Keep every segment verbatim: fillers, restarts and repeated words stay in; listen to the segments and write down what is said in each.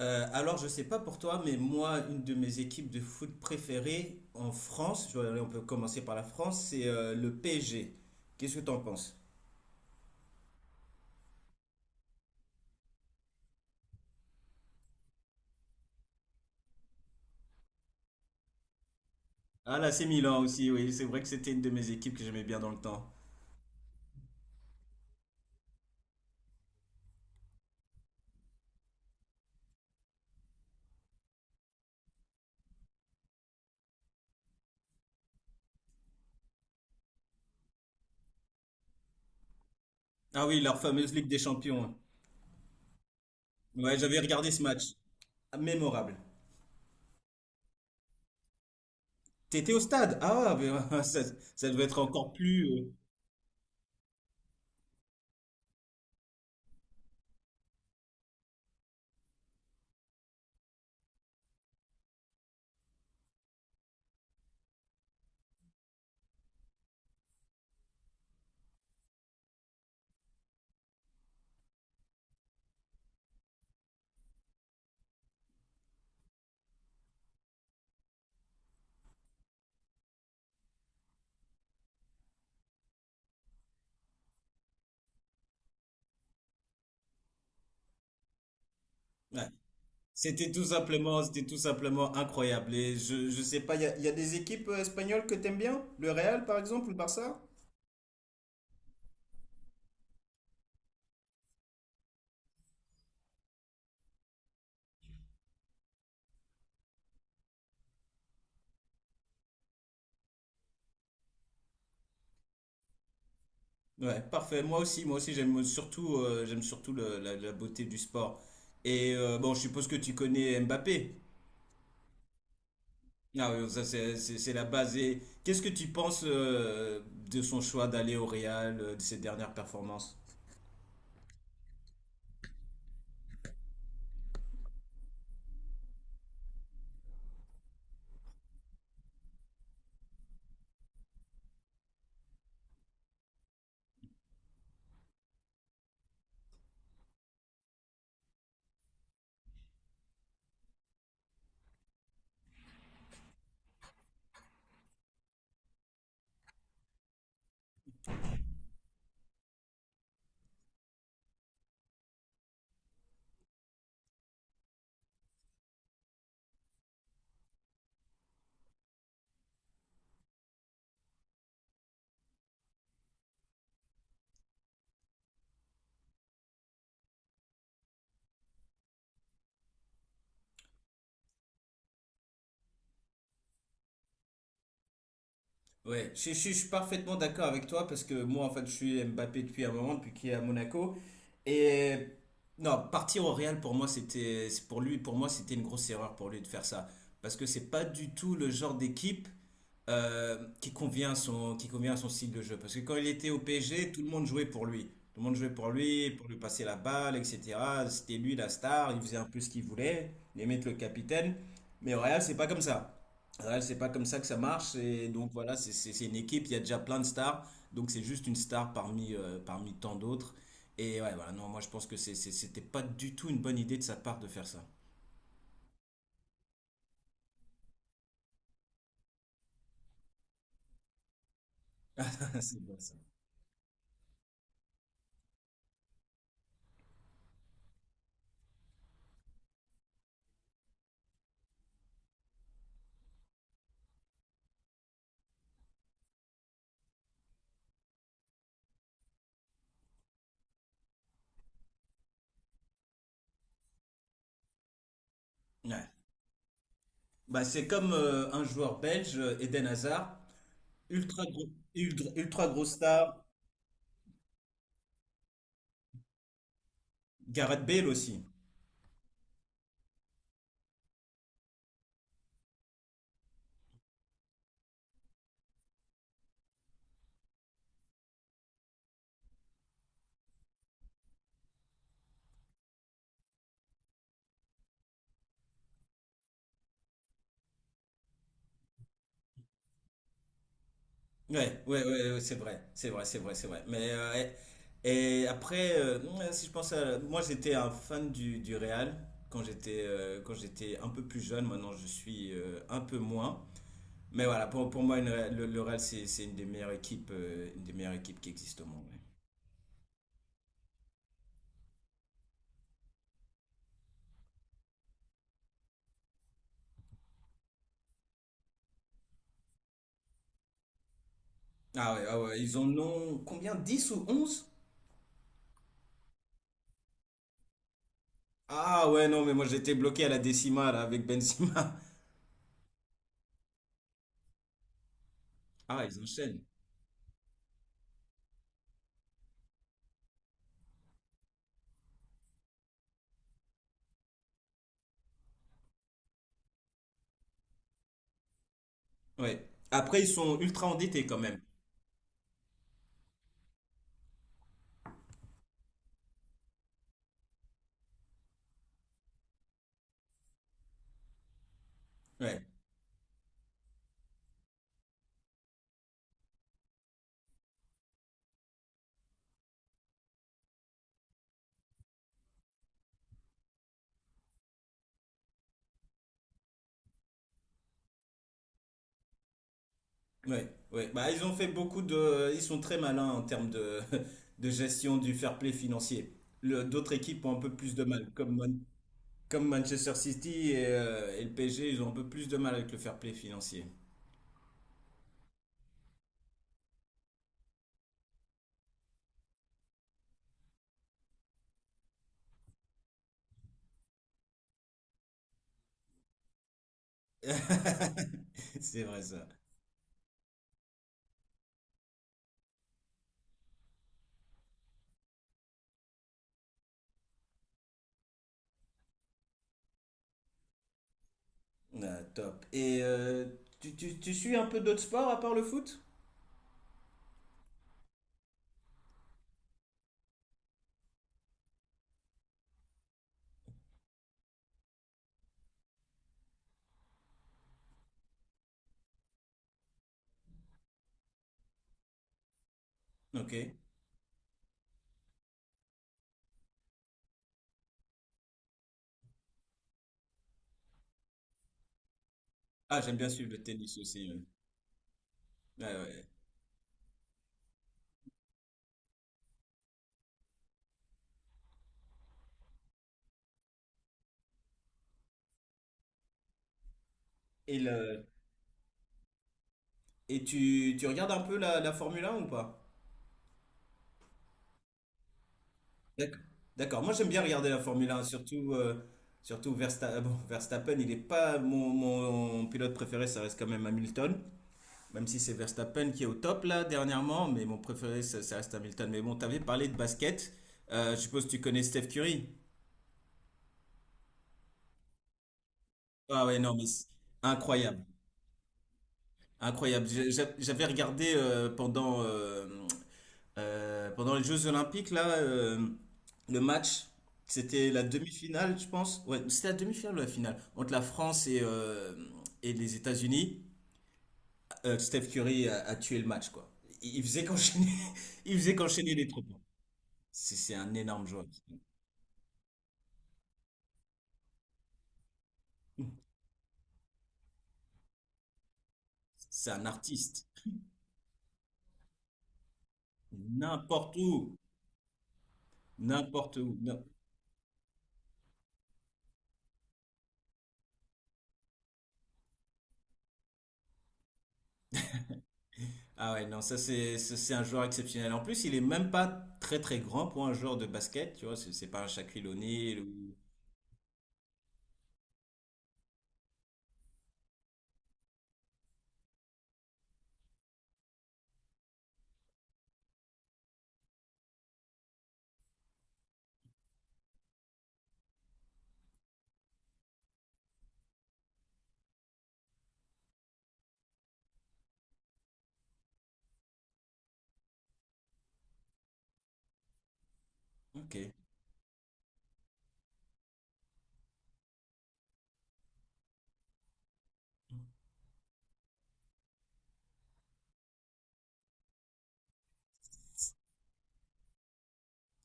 Euh, alors, je sais pas pour toi, mais moi, une de mes équipes de foot préférées en France, je vais aller- on peut commencer par la France, c'est euh, le P S G. Qu'est-ce que t'en penses? Ah là, c'est Milan aussi, oui, c'est vrai que c'était une de mes équipes que j'aimais bien dans le temps. Ah oui, leur fameuse Ligue des Champions. Ouais, j'avais regardé ce match. Ah, mémorable. T'étais au stade? Ah, mais, ça, ça devait être encore plus... euh, ouais. C'était tout simplement, c'était tout simplement incroyable. Et je, je sais pas, il y a, il y a des équipes euh, espagnoles que t'aimes bien? Le Real, par exemple, ou le Barça? Ouais, parfait. Moi aussi, moi aussi, j'aime surtout, euh, j'aime surtout le- la, la beauté du sport. Et euh, bon, je suppose que tu connais Mbappé. Ah oui, ça c'est c'est- c'est la base. Et qu'est-ce que tu penses euh, de son choix d'aller au Real, euh, de ses dernières performances? Ouais, je, je- je suis parfaitement d'accord avec toi parce que moi, en fait, je suis Mbappé depuis un moment, depuis qu'il est à Monaco. Et non, partir au Real pour moi, c'était, c'est pour lui, pour moi, c'était une grosse erreur pour lui de faire ça. Parce que c'est pas du tout le genre d'équipe euh, qui convient à son, qui convient à son style de jeu. Parce que quand il était au P S G, tout le monde jouait pour lui. Tout le monde jouait pour lui, pour lui passer la balle, et cætera. C'était lui la star, il faisait un peu ce qu'il voulait, il aimait être le capitaine. Mais au Real, c'est pas comme ça. Ouais, c'est pas comme ça que ça marche. Et donc voilà, c'est c'est- c'est une équipe, il y a déjà plein de stars. Donc c'est juste une star parmi, euh, parmi tant d'autres. Et ouais, voilà, non, moi je pense que c'est- c'est- c'était pas du tout une bonne idée de sa part de faire ça. C'est bon ça. Ouais. Bah, c'est comme euh, un joueur belge, euh, Eden Hazard, ultra, gros- ultra, ultra grosse star, Gareth Bale aussi. Ouais, ouais, ouais, ouais, c'est vrai, c'est vrai, c'est vrai, c'est vrai. Mais euh, et, et après, euh, ouais, si je pense à, moi j'étais un fan du, du Real quand j'étais euh, quand j'étais un peu plus jeune. Maintenant je suis euh, un peu moins. Mais voilà, pour, pour moi une Real- le, le Real c'est c'est une des meilleures équipes euh, une des meilleures équipes qui existent au monde. Ouais. Ah ouais, ah ouais, ils en ont combien? Dix ou onze? Ah ouais, non, mais moi j'étais bloqué à la décimale avec Benzema. Ah, ils enchaînent. Ouais. Après, ils sont ultra endettés quand même. Ouais. Ouais, ouais. Bah, ils ont fait beaucoup de. Ils sont très malins en termes de, de gestion du fair play financier. Le- D'autres équipes ont un peu plus de mal, comme, Man- comme Manchester City et, euh, et le P S G, ils ont un peu plus de mal avec le fair play financier. C'est vrai ça. Ah, top. Et euh, tu, tu, tu suis un peu d'autres sports à part le foot? Ok. Ah, j'aime bien suivre le tennis aussi. Ouais. Ouais, ouais. Et, le, et tu, tu regardes un peu la, la Formule un ou pas? D'accord. D'accord. Moi, j'aime bien regarder la Formule un, surtout, euh, surtout Versta- euh, bon, Verstappen. Il n'est pas mon, mon pilote préféré, ça reste quand même Hamilton. Même si c'est Verstappen qui est au top là dernièrement, mais mon préféré, ça, ça reste Hamilton. Mais bon, t'avais parlé de basket. Euh, je suppose que tu connais Steph Curry. Ah ouais, non, mais c'est incroyable. Incroyable. J'ai- j'ai- J'avais regardé euh, pendant, euh, euh, pendant les Jeux Olympiques, là, euh, le match. C'était la demi-finale, je pense. Ouais, c'était la demi-finale ou la finale? Entre la France et, euh, et les États-Unis. Euh, Steph Curry a, a tué le match, quoi. Il il faisait qu'enchaîner, il faisait qu'enchaîner les trois points. C'est c'est un énorme joueur. C'est un artiste. N'importe où. N'importe où. Ah ouais, non, ça c'est ça, c'est un joueur exceptionnel. En plus, il est même pas très très grand pour un joueur de basket, tu vois, c'est c'est pas un Shaquille O'Neal ou... Ok.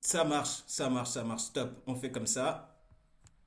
Ça marche, ça marche, ça marche, stop, on fait comme ça.